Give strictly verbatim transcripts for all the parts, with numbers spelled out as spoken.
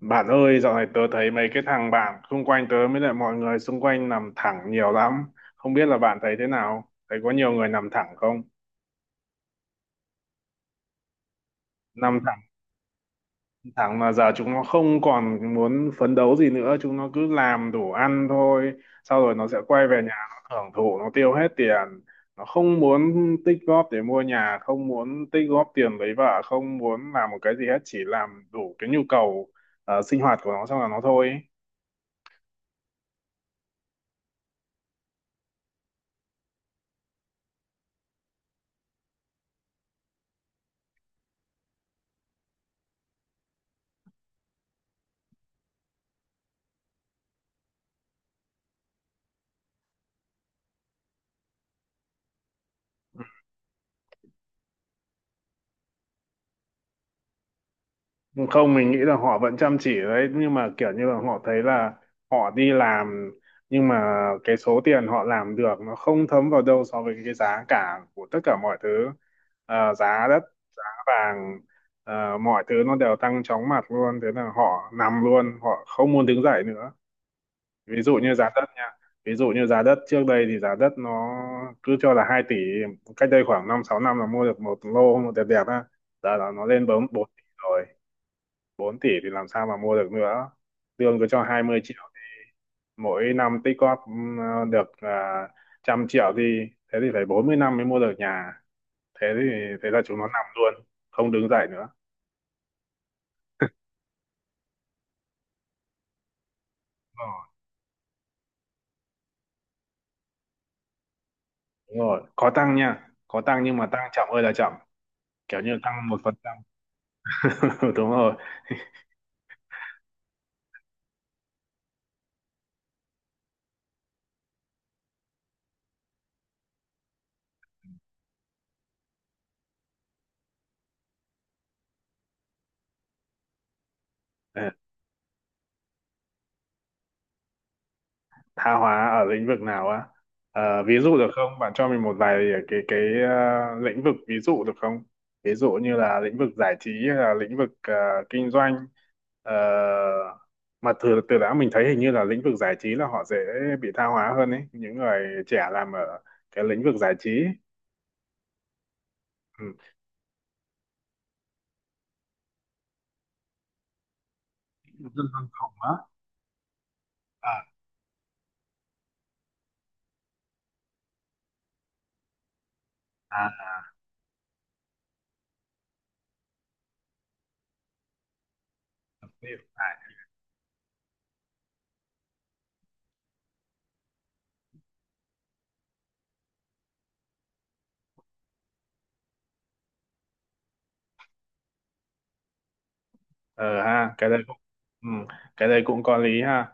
Bạn ơi, dạo này tớ thấy mấy cái thằng bạn xung quanh tớ với lại mọi người xung quanh nằm thẳng nhiều lắm. Không biết là bạn thấy thế nào? Thấy có nhiều người nằm thẳng không? Nằm thẳng, thẳng mà giờ chúng nó không còn muốn phấn đấu gì nữa. Chúng nó cứ làm đủ ăn thôi. Sau rồi nó sẽ quay về nhà, nó hưởng thụ, nó tiêu hết tiền. Nó không muốn tích góp để mua nhà, không muốn tích góp tiền lấy vợ, không muốn làm một cái gì hết. Chỉ làm đủ cái nhu cầu ờ, sinh hoạt của nó xong là nó thôi. Không, mình nghĩ là họ vẫn chăm chỉ đấy, nhưng mà kiểu như là họ thấy là họ đi làm, nhưng mà cái số tiền họ làm được nó không thấm vào đâu so với cái giá cả của tất cả mọi thứ. Ờ, giá đất, giá vàng, ờ, mọi thứ nó đều tăng chóng mặt luôn. Thế là họ nằm luôn, họ không muốn đứng dậy nữa. Ví dụ như giá đất nha, ví dụ như giá đất trước đây thì giá đất nó cứ cho là hai tỷ. Cách đây khoảng năm sáu năm là mua được một lô một đẹp đẹp á. Giờ là nó lên bấm bốn tỷ rồi. Bốn tỷ thì làm sao mà mua được nữa. Lương cứ cho hai mươi triệu, mỗi năm tích góp ừm, được uh, trăm triệu thì, thế thì phải bốn mươi năm mới mua được nhà. thế thì Thế là chúng nó nằm luôn, không đứng dậy nữa. Ờ, đúng rồi, có tăng nha, có tăng nhưng mà tăng chậm ơi là chậm, kiểu như tăng một phần trăm. Đúng rồi. Ờ, tha hóa ở lĩnh vực nào á? Ờ, ví dụ được không? Bạn cho mình một vài cái cái ờ, lĩnh vực ví dụ được không? Ví dụ như là lĩnh vực giải trí hay là lĩnh vực ờ, kinh doanh. Ờ, mà từ từ đã, mình thấy hình như là lĩnh vực giải trí là họ dễ bị tha hóa hơn ấy, những người trẻ làm ở cái lĩnh vực giải trí. Ừ. Dân văn phòng á? à, à, Hiểu. Ờ ha, cái đấy cũng ừ, cái đấy cũng có lý ha.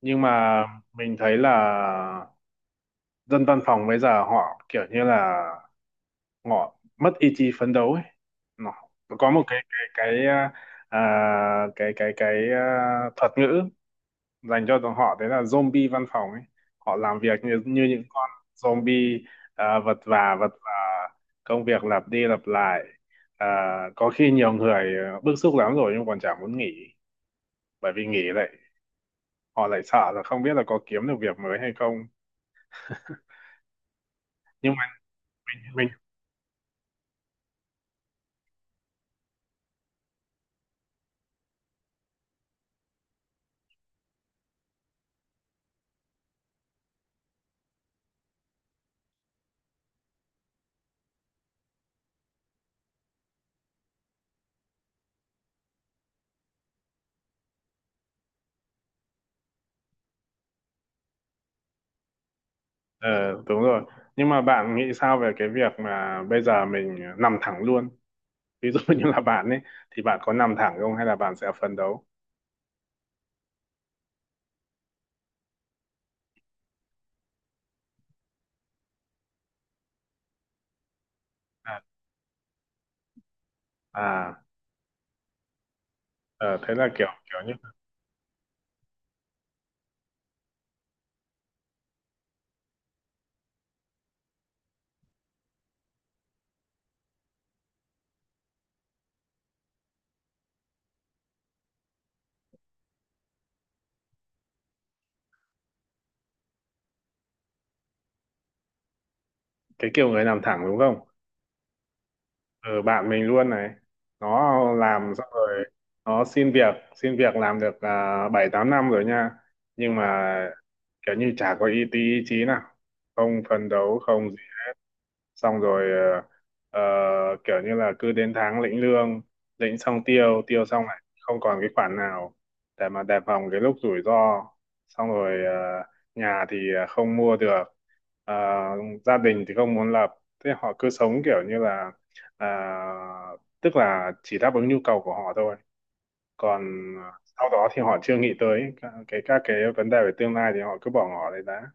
Nhưng mà mình thấy là dân văn phòng bây giờ họ kiểu như là họ mất ý chí phấn đấu ấy. nó nó có một cái cái cái à, à, cái cái cái à, thuật ngữ dành cho tụi họ, đấy là zombie văn phòng ấy. Họ làm việc như như những con zombie, à, vật vã vật vã. Công việc lặp đi lặp lại. à, có khi nhiều người à, bức xúc lắm rồi nhưng còn chả muốn nghỉ, bởi vì nghỉ lại họ lại sợ là không biết là có kiếm được việc mới hay không. Nhưng mà mình Ờ, đúng rồi. Nhưng mà bạn nghĩ sao về cái việc mà bây giờ mình nằm thẳng luôn? Ví dụ như là bạn ấy, thì bạn có nằm thẳng không hay là bạn sẽ phấn đấu? À, à ờ, thế là kiểu kiểu như cái kiểu người nằm thẳng đúng không? Ừ, bạn mình luôn này. Nó làm xong rồi, nó xin việc, xin việc làm được à, bảy tám năm rồi nha. Nhưng mà kiểu như chả có ý, tí ý chí nào. Không phấn đấu, không xong rồi, ờ, ờ, kiểu như là cứ đến tháng lĩnh lương, lĩnh xong tiêu tiêu xong lại không còn cái khoản nào để mà đề phòng cái lúc rủi ro. Xong rồi ờ, nhà thì ờ, không mua được, ờ, gia đình thì không muốn lập. Thế họ cứ sống kiểu như là, ờ, tức là chỉ đáp ứng nhu cầu của họ thôi, còn ờ, sau đó thì họ chưa nghĩ tới các- cái các cái vấn đề về tương lai thì họ cứ bỏ ngỏ đấy đã.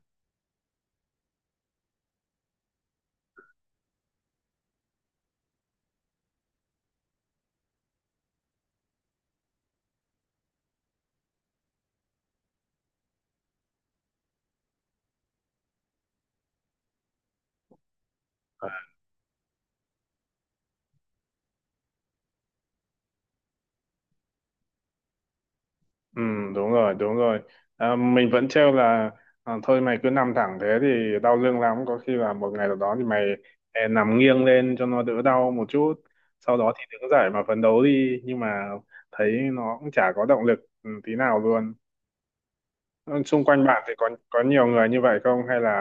Ừ, đúng rồi, đúng rồi. À, mình vẫn trêu là, à, thôi mày cứ nằm thẳng thế thì đau lưng lắm. Có khi là một ngày nào đó thì mày eh, nằm nghiêng lên cho nó đỡ đau một chút. Sau đó thì đứng dậy mà phấn đấu đi. Nhưng mà thấy nó cũng chả có động lực ừ, tí nào luôn. Ừ, xung quanh bạn thì có có nhiều người như vậy không? Hay là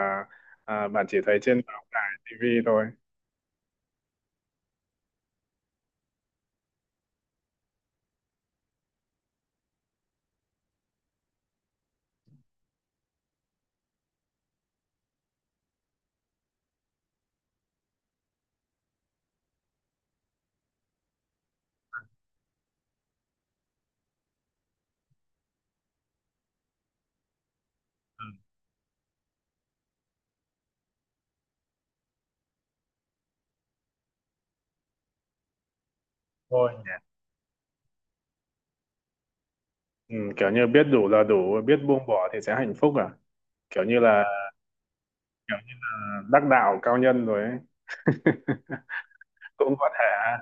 à, bạn chỉ thấy trên báo đài, ti vi thôi? Ừ, thôi nhỉ. Ừ, kiểu như biết đủ là đủ, biết buông bỏ thì sẽ hạnh phúc à? Kiểu như là Kiểu như là đắc đạo cao nhân rồi ấy. Cũng có thể.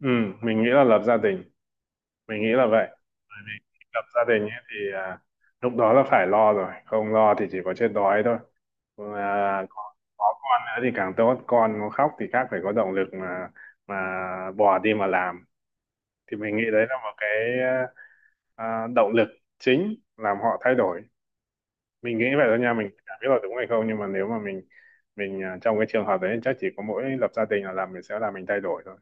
ừ, mình nghĩ là lập gia đình, mình nghĩ là vậy. Bởi vì khi lập gia đình ấy, thì à, lúc đó là phải lo rồi, không lo thì chỉ có chết đói thôi. À, có, có con nữa thì càng tốt, con nó khóc thì khác phải có động lực, mà mà bò đi mà làm. Thì mình nghĩ đấy là một cái à, động lực chính làm họ thay đổi. Mình nghĩ vậy thôi nha, mình chẳng biết là đúng hay không, nhưng mà nếu mà mình, mình à, trong cái trường hợp đấy chắc chỉ có mỗi lập gia đình là làm mình sẽ làm mình thay đổi thôi.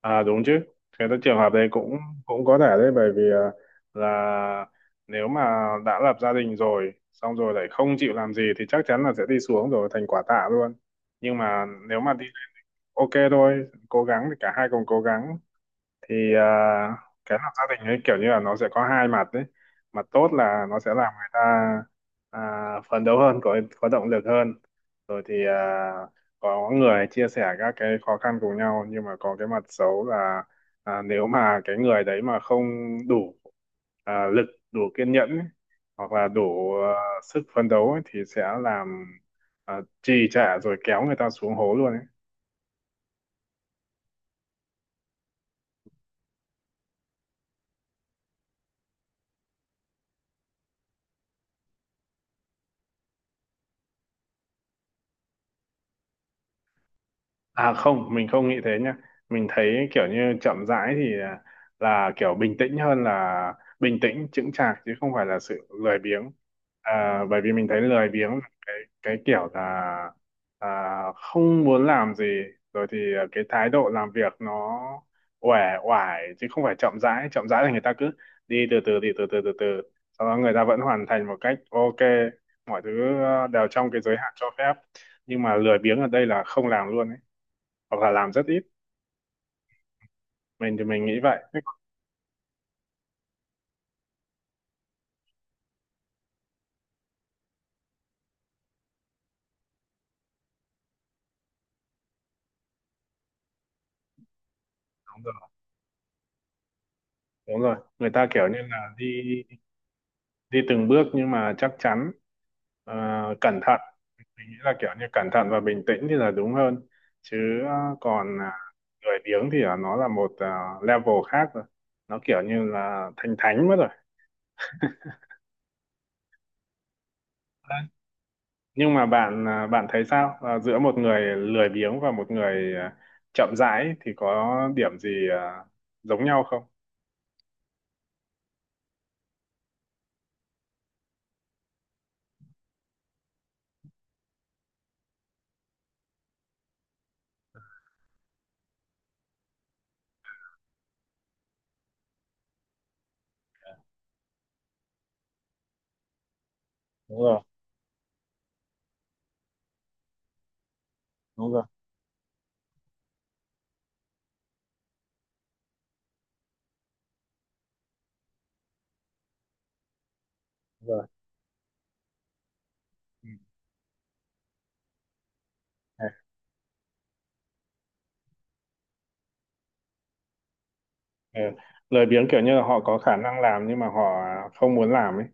À đúng chứ. Thế là trường hợp đấy cũng, cũng có thể đấy. Bởi vì à, là nếu mà đã lập gia đình rồi, xong rồi lại không chịu làm gì thì chắc chắn là sẽ đi xuống, rồi thành quả tạ luôn. Nhưng mà nếu mà đi ok thôi, cố gắng thì cả hai cùng cố gắng thì à, cái lập gia đình ấy kiểu như là nó sẽ có hai mặt đấy. Mặt tốt là nó sẽ làm người ta à, phấn đấu hơn, có có động lực hơn, rồi thì à, có người chia sẻ các cái khó khăn cùng nhau. Nhưng mà có cái mặt xấu là, à, nếu mà cái người đấy mà không đủ à, lực, đủ kiên nhẫn ấy, hoặc là đủ à, sức phấn đấu ấy, thì sẽ làm à, trì trệ rồi kéo người ta xuống hố luôn ấy. À không, mình không nghĩ thế nhá. Mình thấy kiểu như chậm rãi thì là, là kiểu bình tĩnh, hơn là bình tĩnh chững chạc, chứ không phải là sự lười biếng. À, bởi vì mình thấy lười biếng là cái cái kiểu là à, không muốn làm gì, rồi thì à, cái thái độ làm việc nó uể oải chứ không phải chậm rãi. Chậm rãi là người ta cứ đi từ từ, đi từ từ, từ từ, sau đó người ta vẫn hoàn thành một cách ok, mọi thứ ờ, đều trong cái giới hạn cho phép. Nhưng mà lười biếng ở đây là không làm luôn ấy, hoặc là làm rất ít. Mình thì mình nghĩ vậy. Đúng rồi, đúng rồi, người ta kiểu như là đi, đi từng bước nhưng mà chắc chắn, ờ, cẩn thận. Mình nghĩ là kiểu như cẩn thận và bình tĩnh thì là đúng hơn, chứ ờ, còn à, lười biếng thì là nó là một à, level khác rồi, nó kiểu như là thành thánh mất rồi. Nhưng mà bạn à, bạn thấy sao, Ờ, giữa một người lười biếng và một người à, chậm rãi thì có điểm gì à, giống nhau không? Đúng rồi, đúng rồi, rồi, ừ. Ừ. Ừ. Lười biếng kiểu như là họ có khả năng làm nhưng mà họ không muốn làm ấy.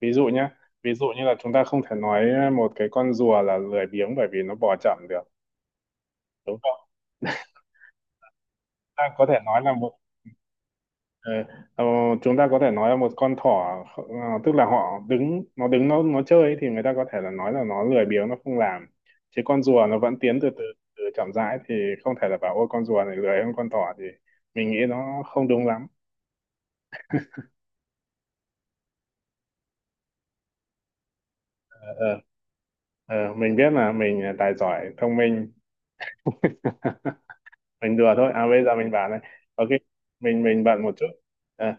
Ví dụ nhá, ví dụ như là chúng ta không thể nói một cái con rùa là lười biếng bởi vì nó bò chậm được, đúng không? Ta có thể nói là một ờ, ờ, Chúng ta có thể nói là một con thỏ, ờ, tức là họ đứng nó đứng nó nó chơi ấy, thì người ta có thể là nói là nó lười biếng, nó không làm, chứ con rùa nó vẫn tiến từ từ, từ chậm rãi thì không thể là bảo ôi con rùa này lười hơn con thỏ, thì mình nghĩ nó không đúng lắm. Ờ, Ờ, mình biết là mình à, tài giỏi thông minh. Mình đùa thôi à, bây giờ mình bảo này, ok, mình mình bận một chút. Ờ,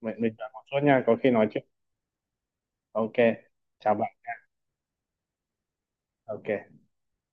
mình mình bận một chút nha, có khi nói chuyện, ok, chào bạn, ok.